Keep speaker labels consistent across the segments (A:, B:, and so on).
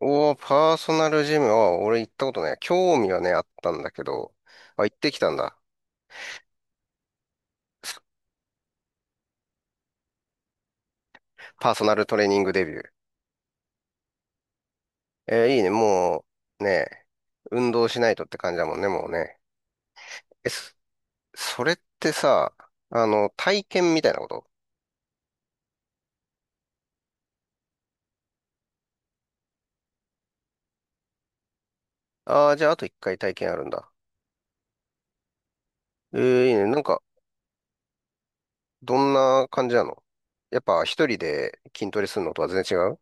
A: おー、パーソナルジムは、俺行ったことない。興味はね、あったんだけど、あ、行ってきたんだ。パーソナルトレーニングデビュー。いいね。もう、ね、運動しないとって感じだもんね、もうね。え、それってさ、体験みたいなこと？ああー、じゃああと一回体験あるんだ。いいね。なんか、どんな感じなの？やっぱ一人で筋トレするのとは全然違う？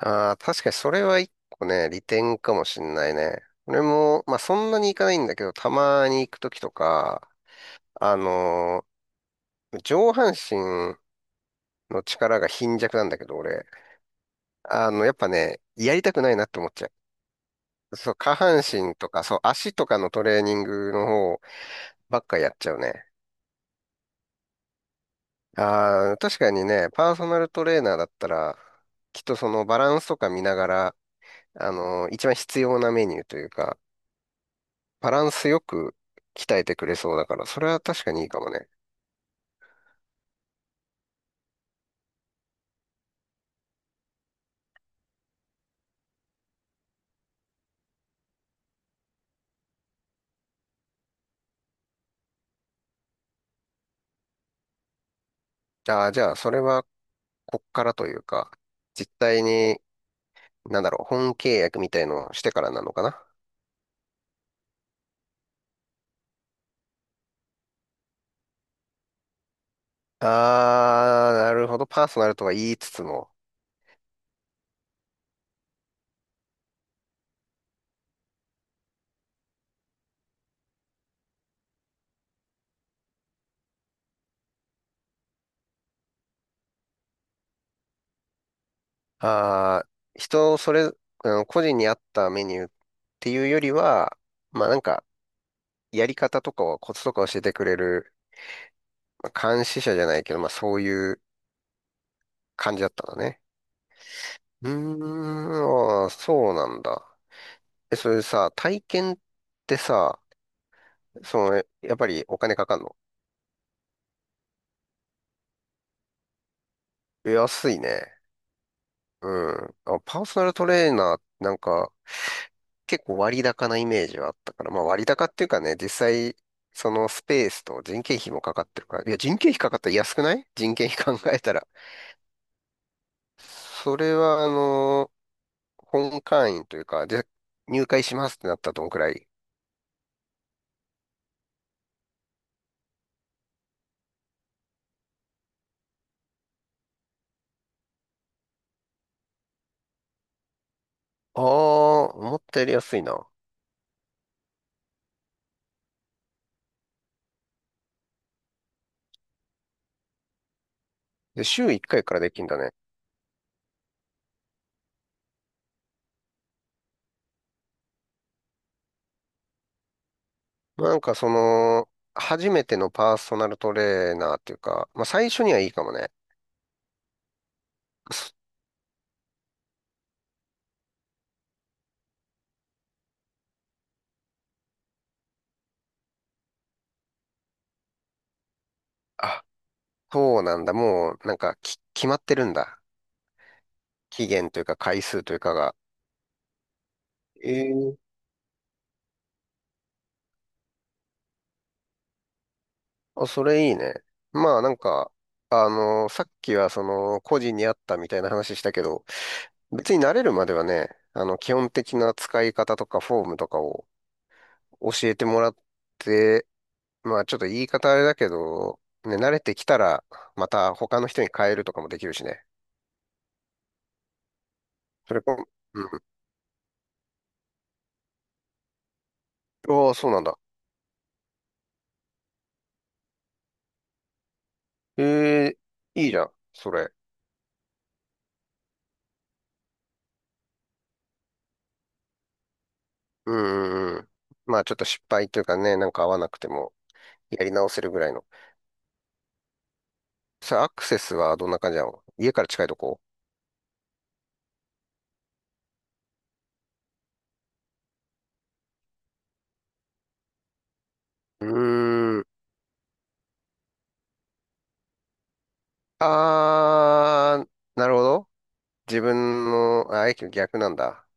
A: ああ、確かにそれは一個ね、利点かもしんないね。俺も、まあそんなに行かないんだけど、たまに行くときとか、あのー上半身の力が貧弱なんだけど、俺。やっぱね、やりたくないなって思っちゃう。そう、下半身とか、そう、足とかのトレーニングの方ばっかやっちゃうね。ああ、確かにね、パーソナルトレーナーだったら、きっとそのバランスとか見ながら、一番必要なメニューというか、バランスよく鍛えてくれそうだから、それは確かにいいかもね。ああ、じゃあ、それはこっからというか、実態に、なんだろう、本契約みたいのをしてからなのかな。ああ、なるほど。パーソナルとは言いつつも、ああ、人それ、うん、個人に合ったメニューっていうよりは、まあなんか、やり方とかをコツとか教えてくれる、まあ監視者じゃないけど、まあそういう感じだったんだね。うーん、あーそうなんだ。え、それさ、体験ってさ、やっぱりお金かかんの？安いね。うん。あ、パーソナルトレーナーなんか結構割高なイメージはあったから、まあ割高っていうかね、実際そのスペースと人件費もかかってるから、いや人件費かかったら安くない。人件費考えたら。それは本会員というか、で、入会しますってなったらどんくらい？ああー、思ったより安いな。で、週1回かいからできんだね。なんか初めてのパーソナルトレーナーっていうか、まあ最初にはいいかもね。そあ、そうなんだ。もう、なんか、決まってるんだ。期限というか回数というかが。ええ、あ、それいいね。まあなんか、さっきは個人にあったみたいな話したけど、別に慣れるまではね、基本的な使い方とかフォームとかを教えてもらって、まあちょっと言い方あれだけど、ね、慣れてきたら、また他の人に変えるとかもできるしね。それこ、うん。ああ、そうなんだ。ええ、いいじゃん、それ。うんうんうん。まあちょっと失敗というかね、なんか合わなくても、やり直せるぐらいの。さあ、アクセスはどんな感じなの？家から近いとこ？うーん。あー、なるほど。自分の、あ、駅の逆なんだ。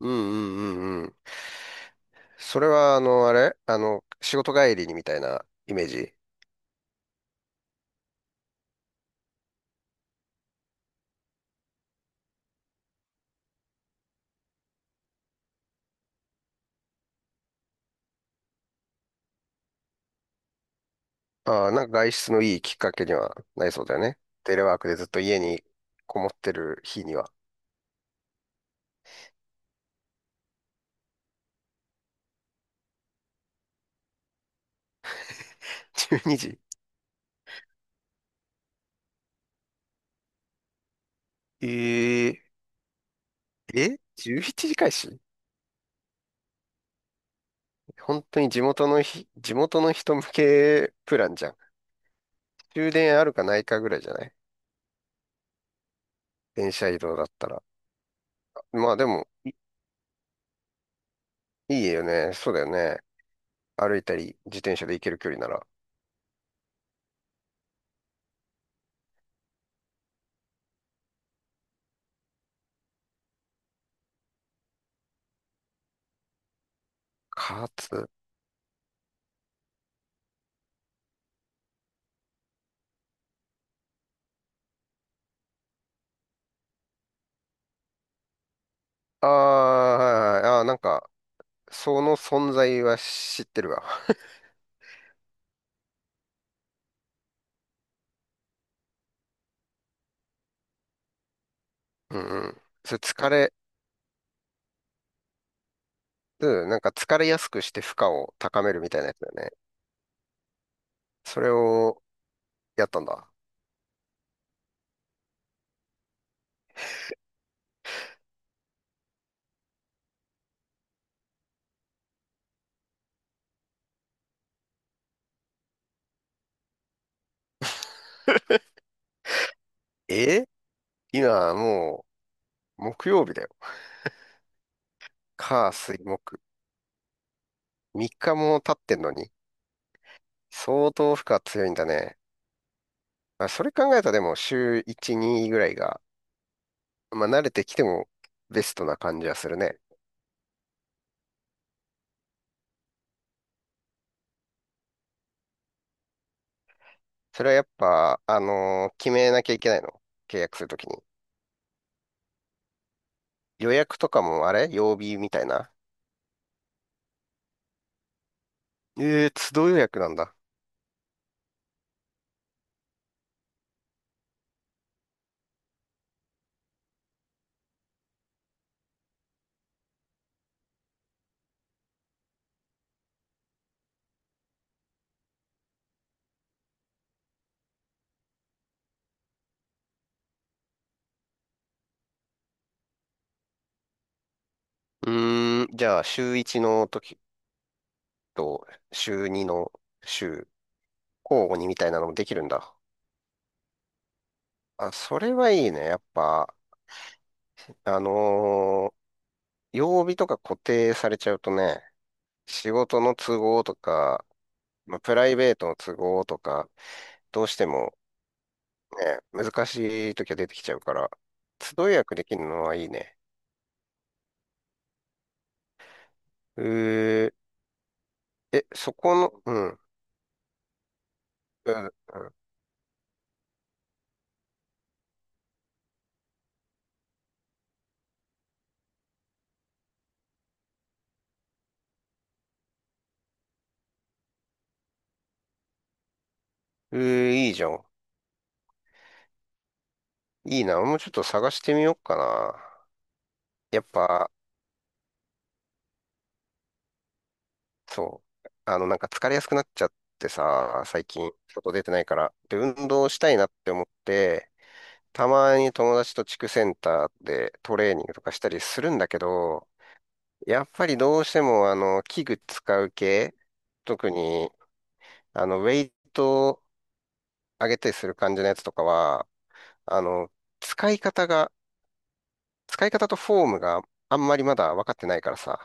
A: うんうんうん。それは、あの、あれあの、仕事帰りにみたいなイメージ？ああー、なんか外出のいいきっかけにはなりそうだよね。テレワークでずっと家にこもってる日には。12時？えええ ?11 時開始？本当に地元の地元の人向けプランじゃん。終電あるかないかぐらいじゃない？電車移動だったら。まあでも、いいよね。そうだよね。歩いたり、自転車で行ける距離なら。かつ、あーはいはいあー、なんか、その存在は知ってるわ。うんうん。それ疲れ、うん、なんか疲れやすくして負荷を高めるみたいなやつだよね。それをやったんだ。え、今もう木曜日だよ。火、水、木。3日も経ってんのに、相当負荷強いんだね。まあ、それ考えたらでも週1、2ぐらいが、まあ慣れてきてもベストな感じはするね。それはやっぱ、決めなきゃいけないの？契約するときに。予約とかも曜日みたいな？ええー、都度予約なんだ。うーん、じゃあ、週1の時と、週2の週、交互にみたいなのもできるんだ。あ、それはいいね。やっぱ、あのー曜日とか固定されちゃうとね、仕事の都合とか、まあ、プライベートの都合とか、どうしてもね、難しい時は出てきちゃうから、都度予約できるのはいいね。ええ、そこの、うん、うん、うん、いいじゃん。いいな。俺もうちょっと探してみようかな。やっぱ、そう。なんか疲れやすくなっちゃってさ、最近、外出てないから。で、運動したいなって思って、たまに友達と地区センターでトレーニングとかしたりするんだけど、やっぱりどうしても、器具使う系、特に、ウェイトを上げたりする感じのやつとかは、あの、使い方が、使い方とフォームがあんまりまだ分かってないからさ、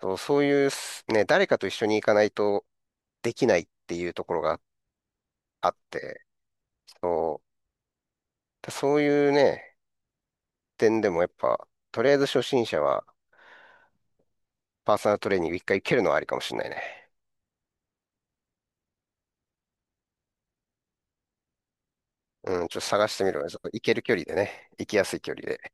A: そうそういうすね、誰かと一緒に行かないとできないっていうところがあって、そう、そういうね、点でもやっぱ、とりあえず初心者はパーソナルトレーニング一回行けるのはありかもしれないね。うん、ちょっと探してみるわ。ちょっと行ける距離でね、行きやすい距離で。